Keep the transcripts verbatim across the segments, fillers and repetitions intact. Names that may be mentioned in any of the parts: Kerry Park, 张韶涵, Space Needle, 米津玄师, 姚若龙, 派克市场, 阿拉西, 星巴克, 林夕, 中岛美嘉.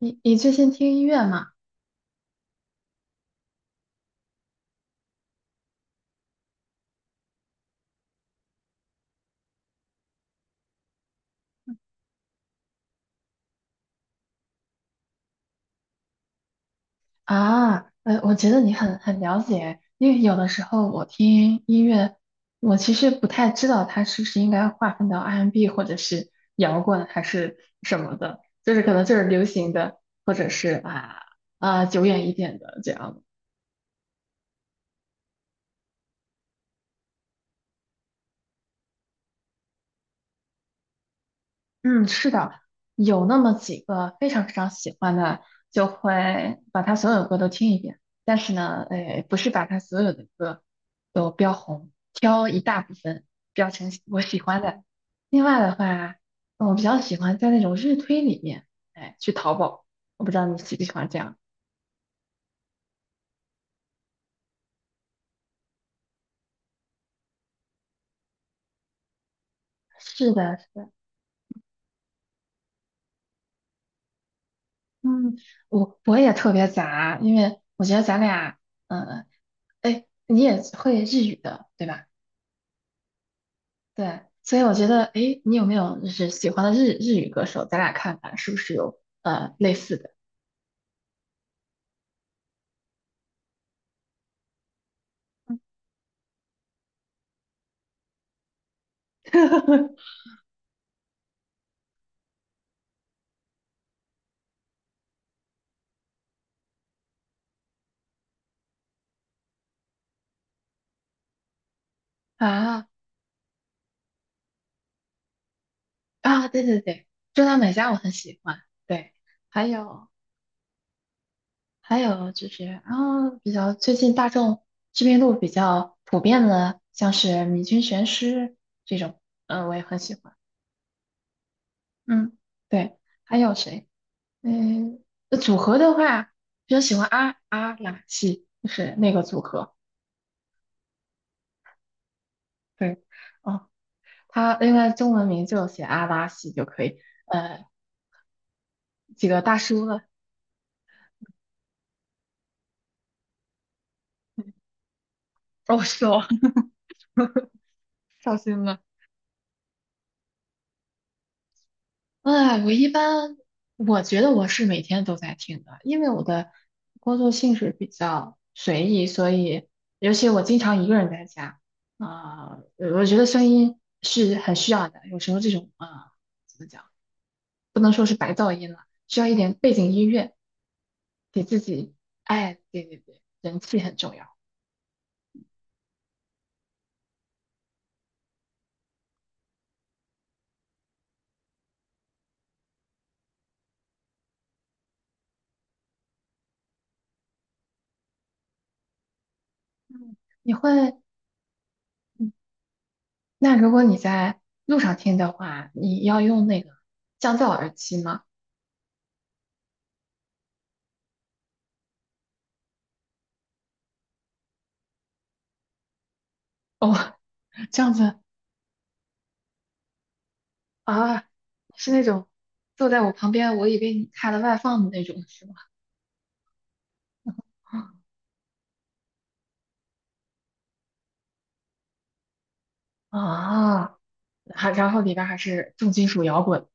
你你最近听音乐吗？啊，呃，我觉得你很很了解，因为有的时候我听音乐，我其实不太知道它是不是应该划分到 R&B 或者是摇滚还是什么的，就是可能就是流行的，是啊、久远一点的这样。嗯，是的，有那么几个非常非常喜欢的，就会把他所有歌都听一遍。但是呢，哎，不是把他所有的歌都标红，挑一大部分标成喜我喜欢的。另外的话，我比较喜欢在那种日推里面，哎，去淘宝。我不知道你喜不喜欢这样。是的，是的。嗯，我我也特别杂，因为我觉得咱俩，嗯，哎，你也会日语的，对吧？对，所以我觉得，哎，你有没有就是喜欢的日日语歌手？咱俩看看是不是有呃类似的。 啊啊，对对对，中岛美嘉我很喜欢，对，还有还有就是啊，比较最近大众知名度比较普遍的，像是米津玄师这种，嗯、我也很喜欢，嗯，对，还有谁？嗯，那组合的话，比较喜欢阿阿拉西，就是那个组合，对。哦，他应该中文名就写阿拉西就可以。呃，几个大叔了，哦，是哦，伤心了。哎，我一般我觉得我是每天都在听的，因为我的工作性质比较随意，所以尤其我经常一个人在家，啊、呃我觉得声音是很需要的。有时候这种啊、呃怎么讲，不能说是白噪音了，需要一点背景音乐，给自己，哎，对对对，人气很重要。你会那如果你在路上听的话，你要用那个降噪耳机吗？哦，这样子啊，是那种坐在我旁边，我以为你开了外放的那种，是吗？啊，还然后里边还是重金属摇滚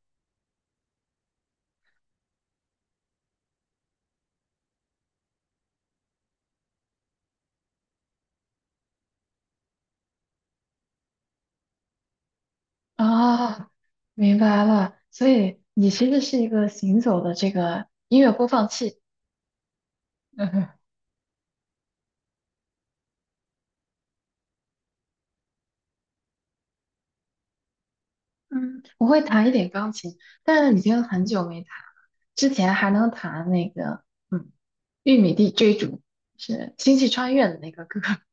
啊，明白了。所以你其实是一个行走的这个音乐播放器。嗯，我会弹一点钢琴，但是已经很久没弹了。之前还能弹那个，嗯，《玉米地追逐》是《星际穿越》的那个歌。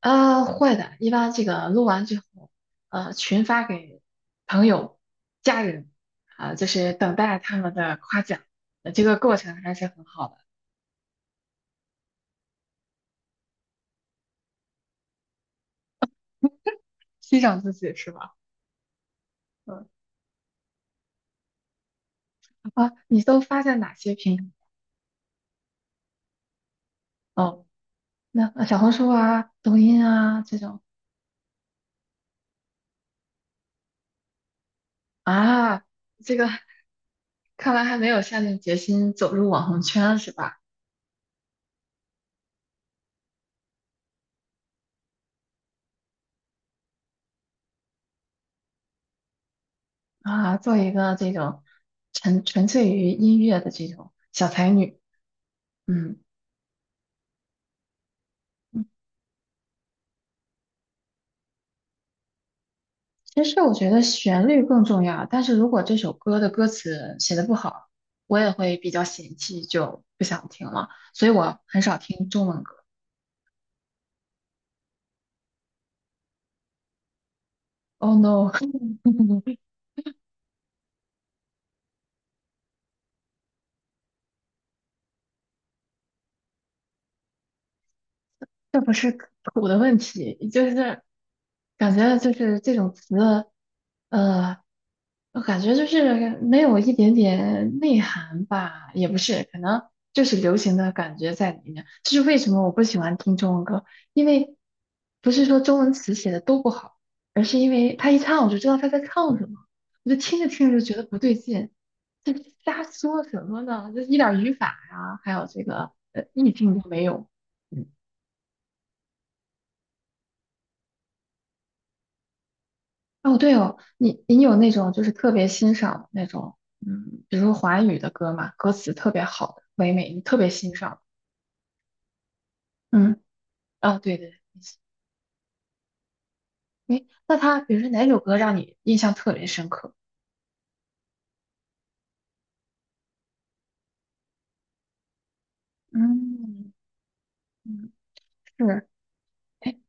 呃，会的，一般这个录完之后，呃，群发给朋友、家人，啊、就是等待他们的夸奖。呃这个过程还是很好的，欣赏自己是吧？嗯。啊，你都发在哪些平台？哦，那小红书啊、抖音啊这种。啊，这个。看来还没有下定决心走入网红圈是吧？啊，做一个这种纯纯粹于音乐的这种小才女，嗯，嗯，其实我觉得旋律更重要，但是如果这首歌的歌词写的不好，我也会比较嫌弃，就不想听了，所以我很少听中文歌。Oh no,这不是土的问题，就是感觉就是这种词，呃，我感觉就是没有一点点内涵吧，也不是，可能就是流行的感觉在里面。这是为什么我不喜欢听中文歌，因为不是说中文词写的都不好，而是因为他一唱我就知道他在唱什么，我就听着听着就觉得不对劲，这瞎说什么呢？这一点儿语法呀、还有这个呃意境都没有。嗯，哦，对哦，你你有那种就是特别欣赏那种，嗯，比如说华语的歌嘛，歌词特别好的，唯美，你特别欣赏。嗯，啊，对对对，诶，那他比如说哪首歌让你印象特别深刻？嗯嗯，是，诶，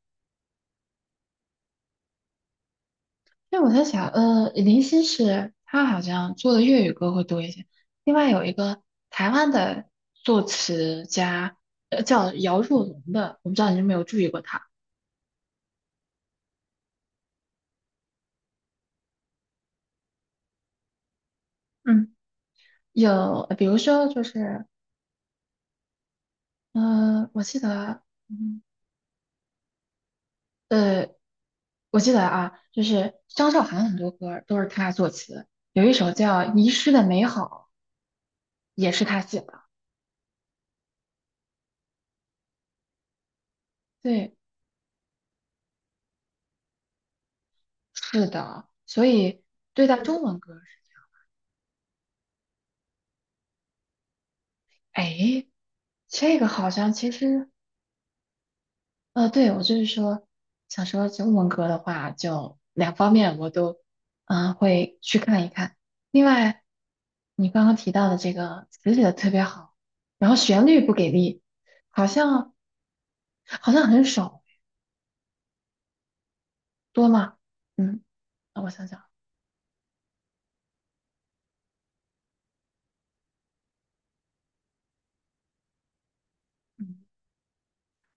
那我在想，呃，林夕是他好像做的粤语歌会多一些，另外有一个台湾的作词家，呃，叫姚若龙的，我不知道你有没有注意过他。嗯。有，比如说就是嗯，我记得，嗯呃，我记得啊，就是张韶涵很多歌都是她作词，有一首叫《遗失的美好》，也是她写的。对，是的，所以对待中文歌是，哎，这个好像其实。呃，对，我就是说，想说中文歌的话，就两方面我都，嗯、会去看一看。另外，你刚刚提到的这个词写的特别好，然后旋律不给力，好像好像很少多吗？嗯，那我想想，嗯，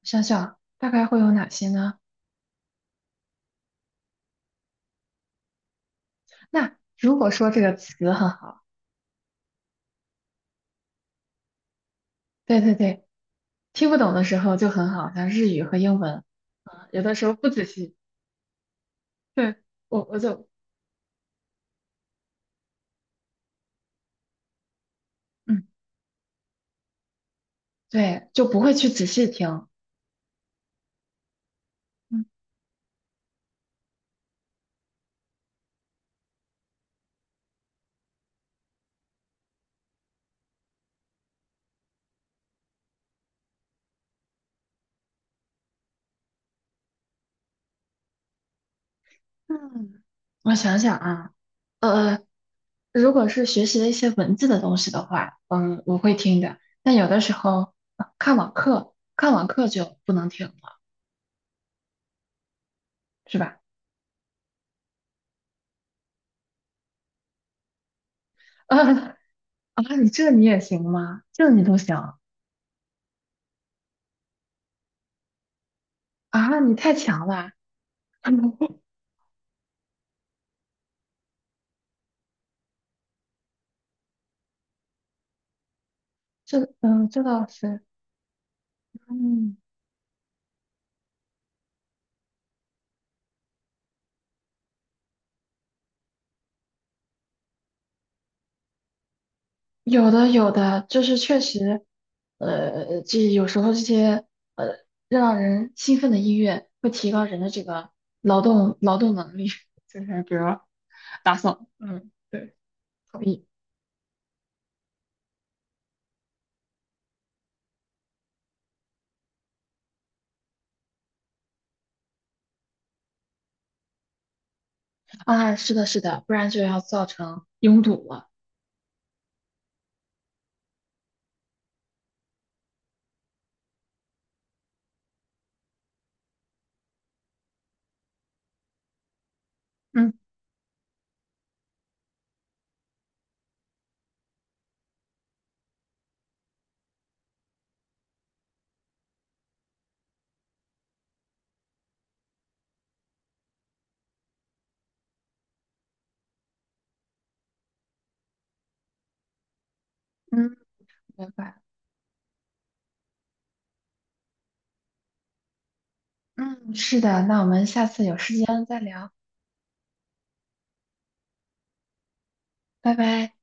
想想啊大概会有哪些呢？那如果说这个词很好，对对对，听不懂的时候就很好，像日语和英文，啊、有的时候不仔细，对，我我就。嗯。对，就不会去仔细听。嗯，嗯，我想想啊，呃，如果是学习了一些文字的东西的话，嗯，我会听的。但有的时候，呃看网课，看网课就不能听了，是吧？啊啊，你这你也行吗？这你都行啊？你太强了！这嗯，这倒是。嗯。有的有的，就是确实，呃，这有时候这些呃让人兴奋的音乐会提高人的这个劳动劳动能力，就是比如打扫，嗯，对，同意。啊，是的，是的，不然就要造成拥堵了。嗯嗯，明白。嗯，是的，那我们下次有时间再聊，拜拜。